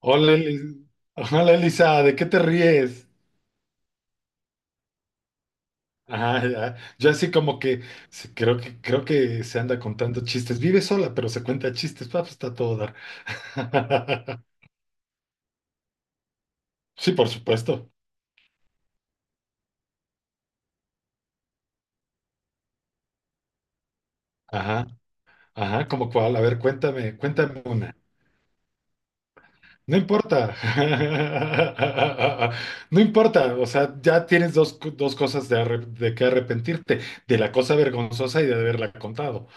Hola, Eli- Hola, Elisa, ¿de qué te ríes? Ajá, ya. Yo así como que sí, creo que se anda contando chistes. Vive sola, pero se cuenta chistes. Ah, pues está a todo dar. Sí, por supuesto. Ajá, ajá, como cuál. A ver, cuéntame una. No importa. No importa. O sea, ya tienes dos, dos cosas de, de que arrepentirte, de la cosa vergonzosa y de haberla contado.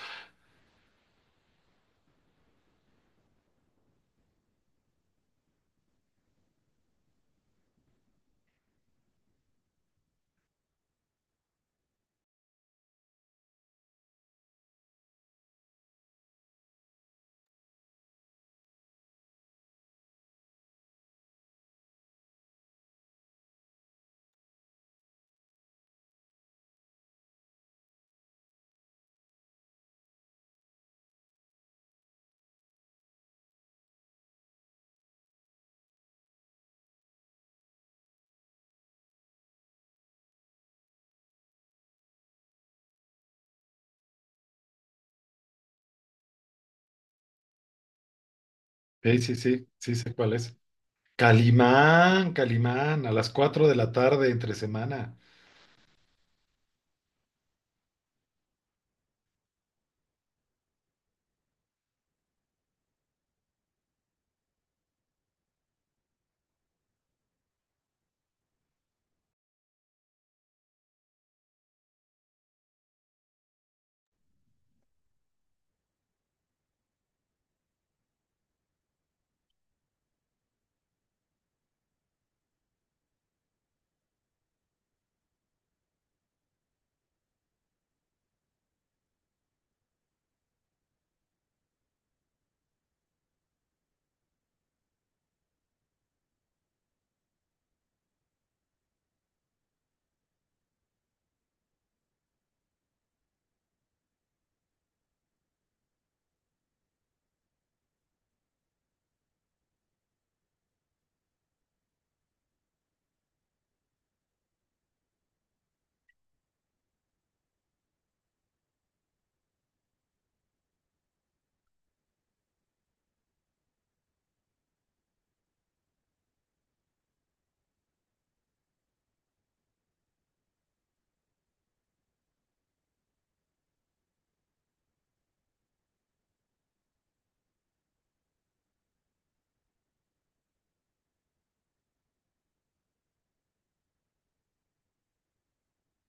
Sí, sí, sí, sí sé cuál es. Calimán, Calimán, a las 4 de la tarde entre semana.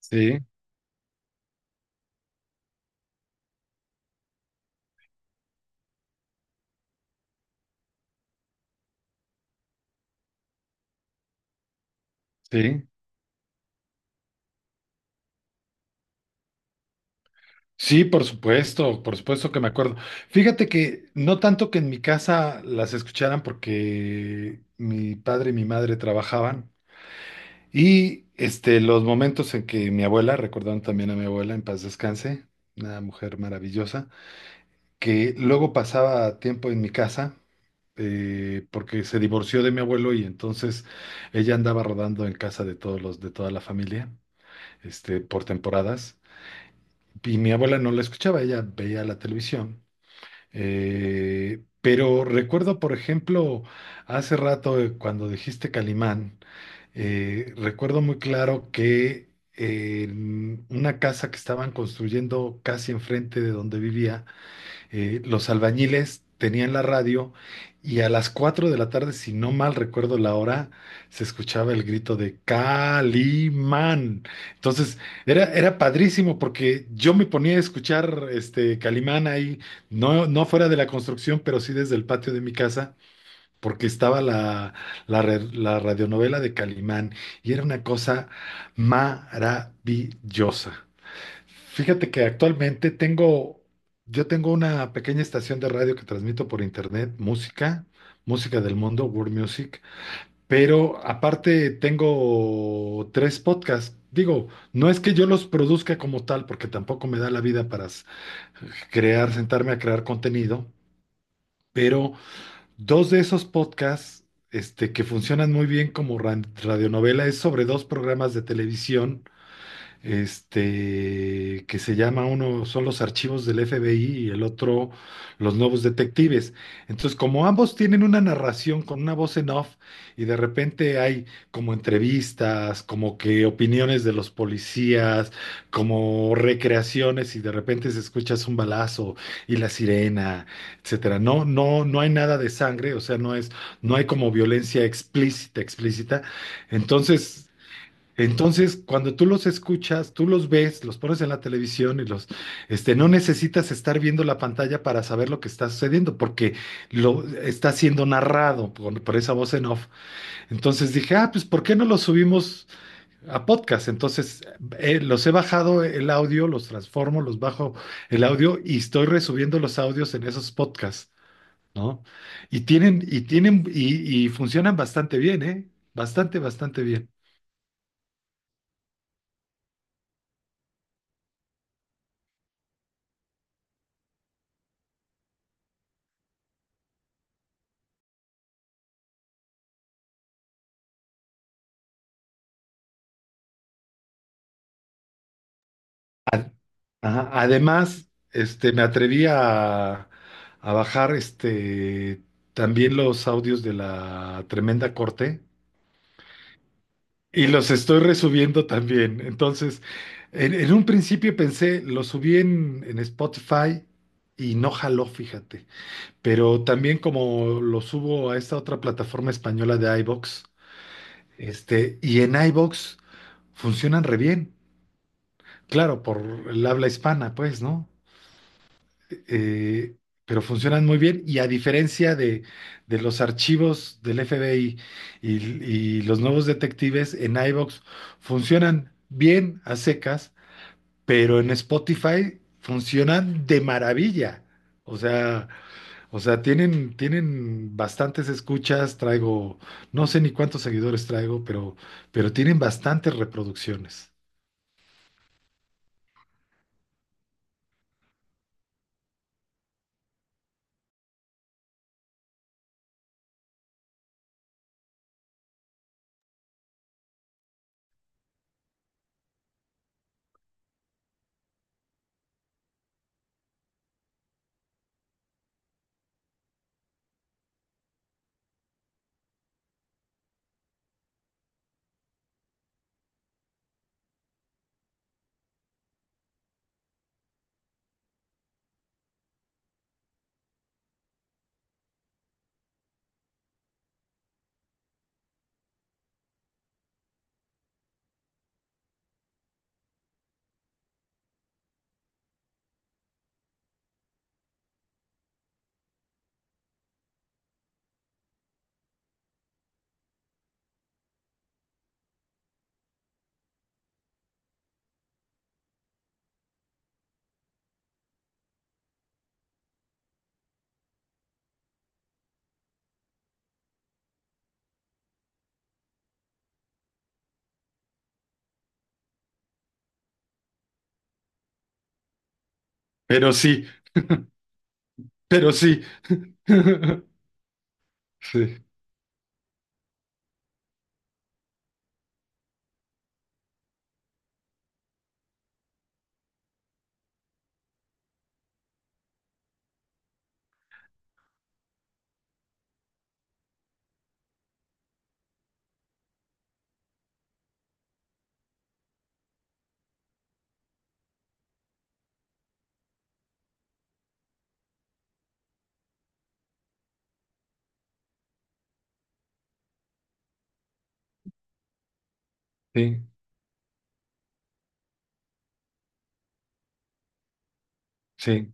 Sí, sí. Sí, por supuesto que me acuerdo. Fíjate que no tanto que en mi casa las escucharan porque mi padre y mi madre trabajaban y este los momentos en que mi abuela, recordando también a mi abuela en paz descanse, una mujer maravillosa, que luego pasaba tiempo en mi casa porque se divorció de mi abuelo y entonces ella andaba rodando en casa de de toda la familia, este, por temporadas. Y mi abuela no la escuchaba, ella veía la televisión. Pero recuerdo, por ejemplo, hace rato cuando dijiste Calimán, recuerdo muy claro que en una casa que estaban construyendo casi enfrente de donde vivía, los albañiles tenían la radio y a las 4 de la tarde, si no mal recuerdo la hora, se escuchaba el grito de Calimán. Entonces, era padrísimo porque yo me ponía a escuchar este Calimán ahí, no fuera de la construcción, pero sí desde el patio de mi casa, porque estaba la radionovela de Calimán y era una cosa maravillosa. Fíjate que actualmente tengo, Yo tengo una pequeña estación de radio que transmito por internet, música, música del mundo, World Music, pero aparte tengo tres podcasts. Digo, no es que yo los produzca como tal, porque tampoco me da la vida para crear, sentarme a crear contenido, pero dos de esos podcasts, este, que funcionan muy bien como radionovela, es sobre dos programas de televisión este, que se llama uno, son los archivos del FBI y el otro, los nuevos detectives. Entonces, como ambos tienen una narración con una voz en off y de repente hay como entrevistas, como que opiniones de los policías, como recreaciones y de repente se escucha un balazo y la sirena, etcétera. No hay nada de sangre, o sea, no hay como violencia explícita, explícita. Entonces, entonces, cuando tú los escuchas, tú los ves, los pones en la televisión y este, no necesitas estar viendo la pantalla para saber lo que está sucediendo, porque lo está siendo narrado por esa voz en off. Entonces dije, ah, pues, ¿por qué no los subimos a podcast? Entonces, los he bajado el audio, los transformo, los bajo el audio y estoy resubiendo los audios en esos podcasts, ¿no? Y funcionan bastante bien, ¿eh? Bastante, bastante bien. Ajá. Además, este, a bajar este, también los audios de la Tremenda Corte y los estoy resubiendo también. Entonces, en un principio pensé, lo subí en Spotify y no jaló, fíjate. Pero también como lo subo a esta otra plataforma española de iVoox, este, y en iVoox funcionan re bien. Claro, por el habla hispana, pues, ¿no? eh, pero funcionan muy bien y a diferencia de los archivos del FBI y los nuevos detectives en iVoox, funcionan bien a secas, pero en Spotify funcionan de maravilla. O sea, o sea, tienen bastantes escuchas, traigo, no sé ni cuántos seguidores traigo, pero tienen bastantes reproducciones. Pero sí, pero sí. Sí, sí, sí,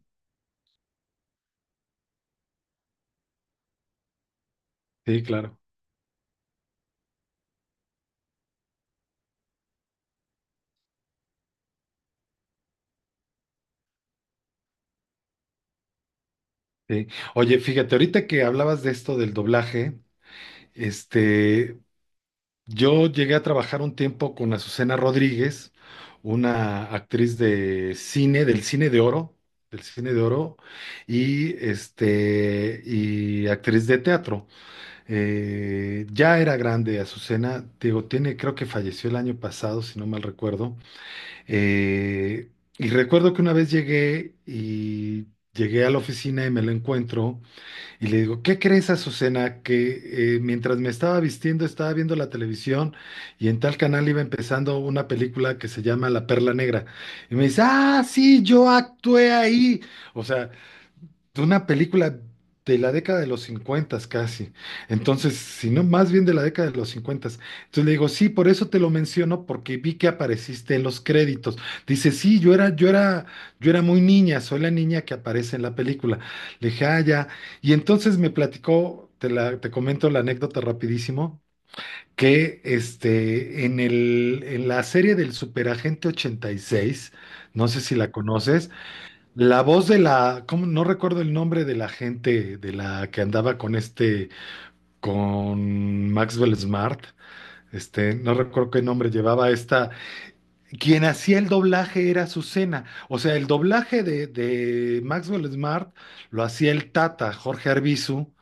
sí, claro. Sí. Oye, fíjate, ahorita que hablabas de esto del doblaje, este, yo llegué a trabajar un tiempo con Azucena Rodríguez, una actriz de cine, del cine de oro, y este, y actriz de teatro. Ya era grande Azucena, digo, tiene, creo que falleció el año pasado, si no mal recuerdo. Eh, y recuerdo que una vez llegué a la oficina y me la encuentro. Y le digo, ¿qué crees, Azucena? Que mientras me estaba vistiendo, estaba viendo la televisión y en tal canal iba empezando una película que se llama La Perla Negra. Y me dice, ah, sí, yo actué ahí. O sea, de una película de la década de los 50 casi. Entonces, si no, más bien de la década de los 50. Entonces le digo, sí, por eso te lo menciono, porque vi que apareciste en los créditos. Dice, sí, yo era, yo era muy niña, soy la niña que aparece en la película. Le dije, ah, ya. Y entonces me platicó, te comento la anécdota rapidísimo. Que este, en en la serie del Superagente 86 no sé si la conoces, la voz de la, ¿cómo? No recuerdo el nombre de la gente de la que andaba con este, con Maxwell Smart, este, no recuerdo qué nombre llevaba esta. Quien hacía el doblaje era Azucena. O sea, el doblaje de Maxwell Smart lo hacía el Tata, Jorge Arvizu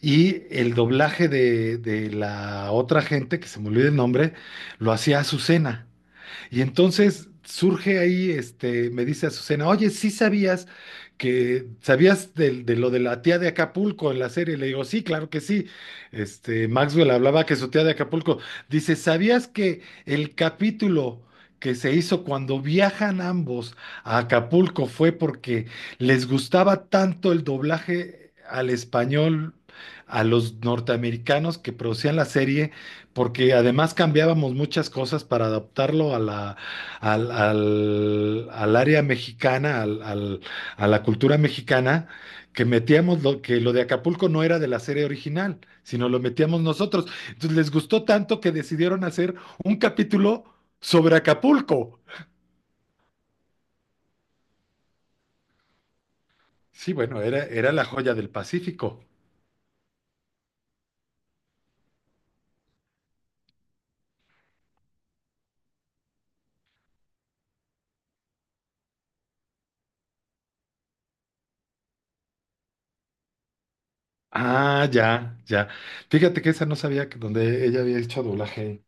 y el doblaje de la otra gente, que se me olvida el nombre, lo hacía Azucena. Y entonces surge ahí, este, me dice Azucena, oye, ¿sí sabías que sabías lo de la tía de Acapulco en la serie? Le digo, sí, claro que sí. Este, Maxwell hablaba que su tía de Acapulco. Dice, ¿sabías que el capítulo que se hizo cuando viajan ambos a Acapulco fue porque les gustaba tanto el doblaje al español a los norteamericanos que producían la serie? Porque además cambiábamos muchas cosas para adaptarlo a al área mexicana, a la cultura mexicana, que lo de Acapulco no era de la serie original, sino lo metíamos nosotros. Entonces les gustó tanto que decidieron hacer un capítulo sobre Acapulco. Sí, bueno, era la joya del Pacífico. Ah, ya, ya. Fíjate que esa no sabía que donde ella había hecho doblaje.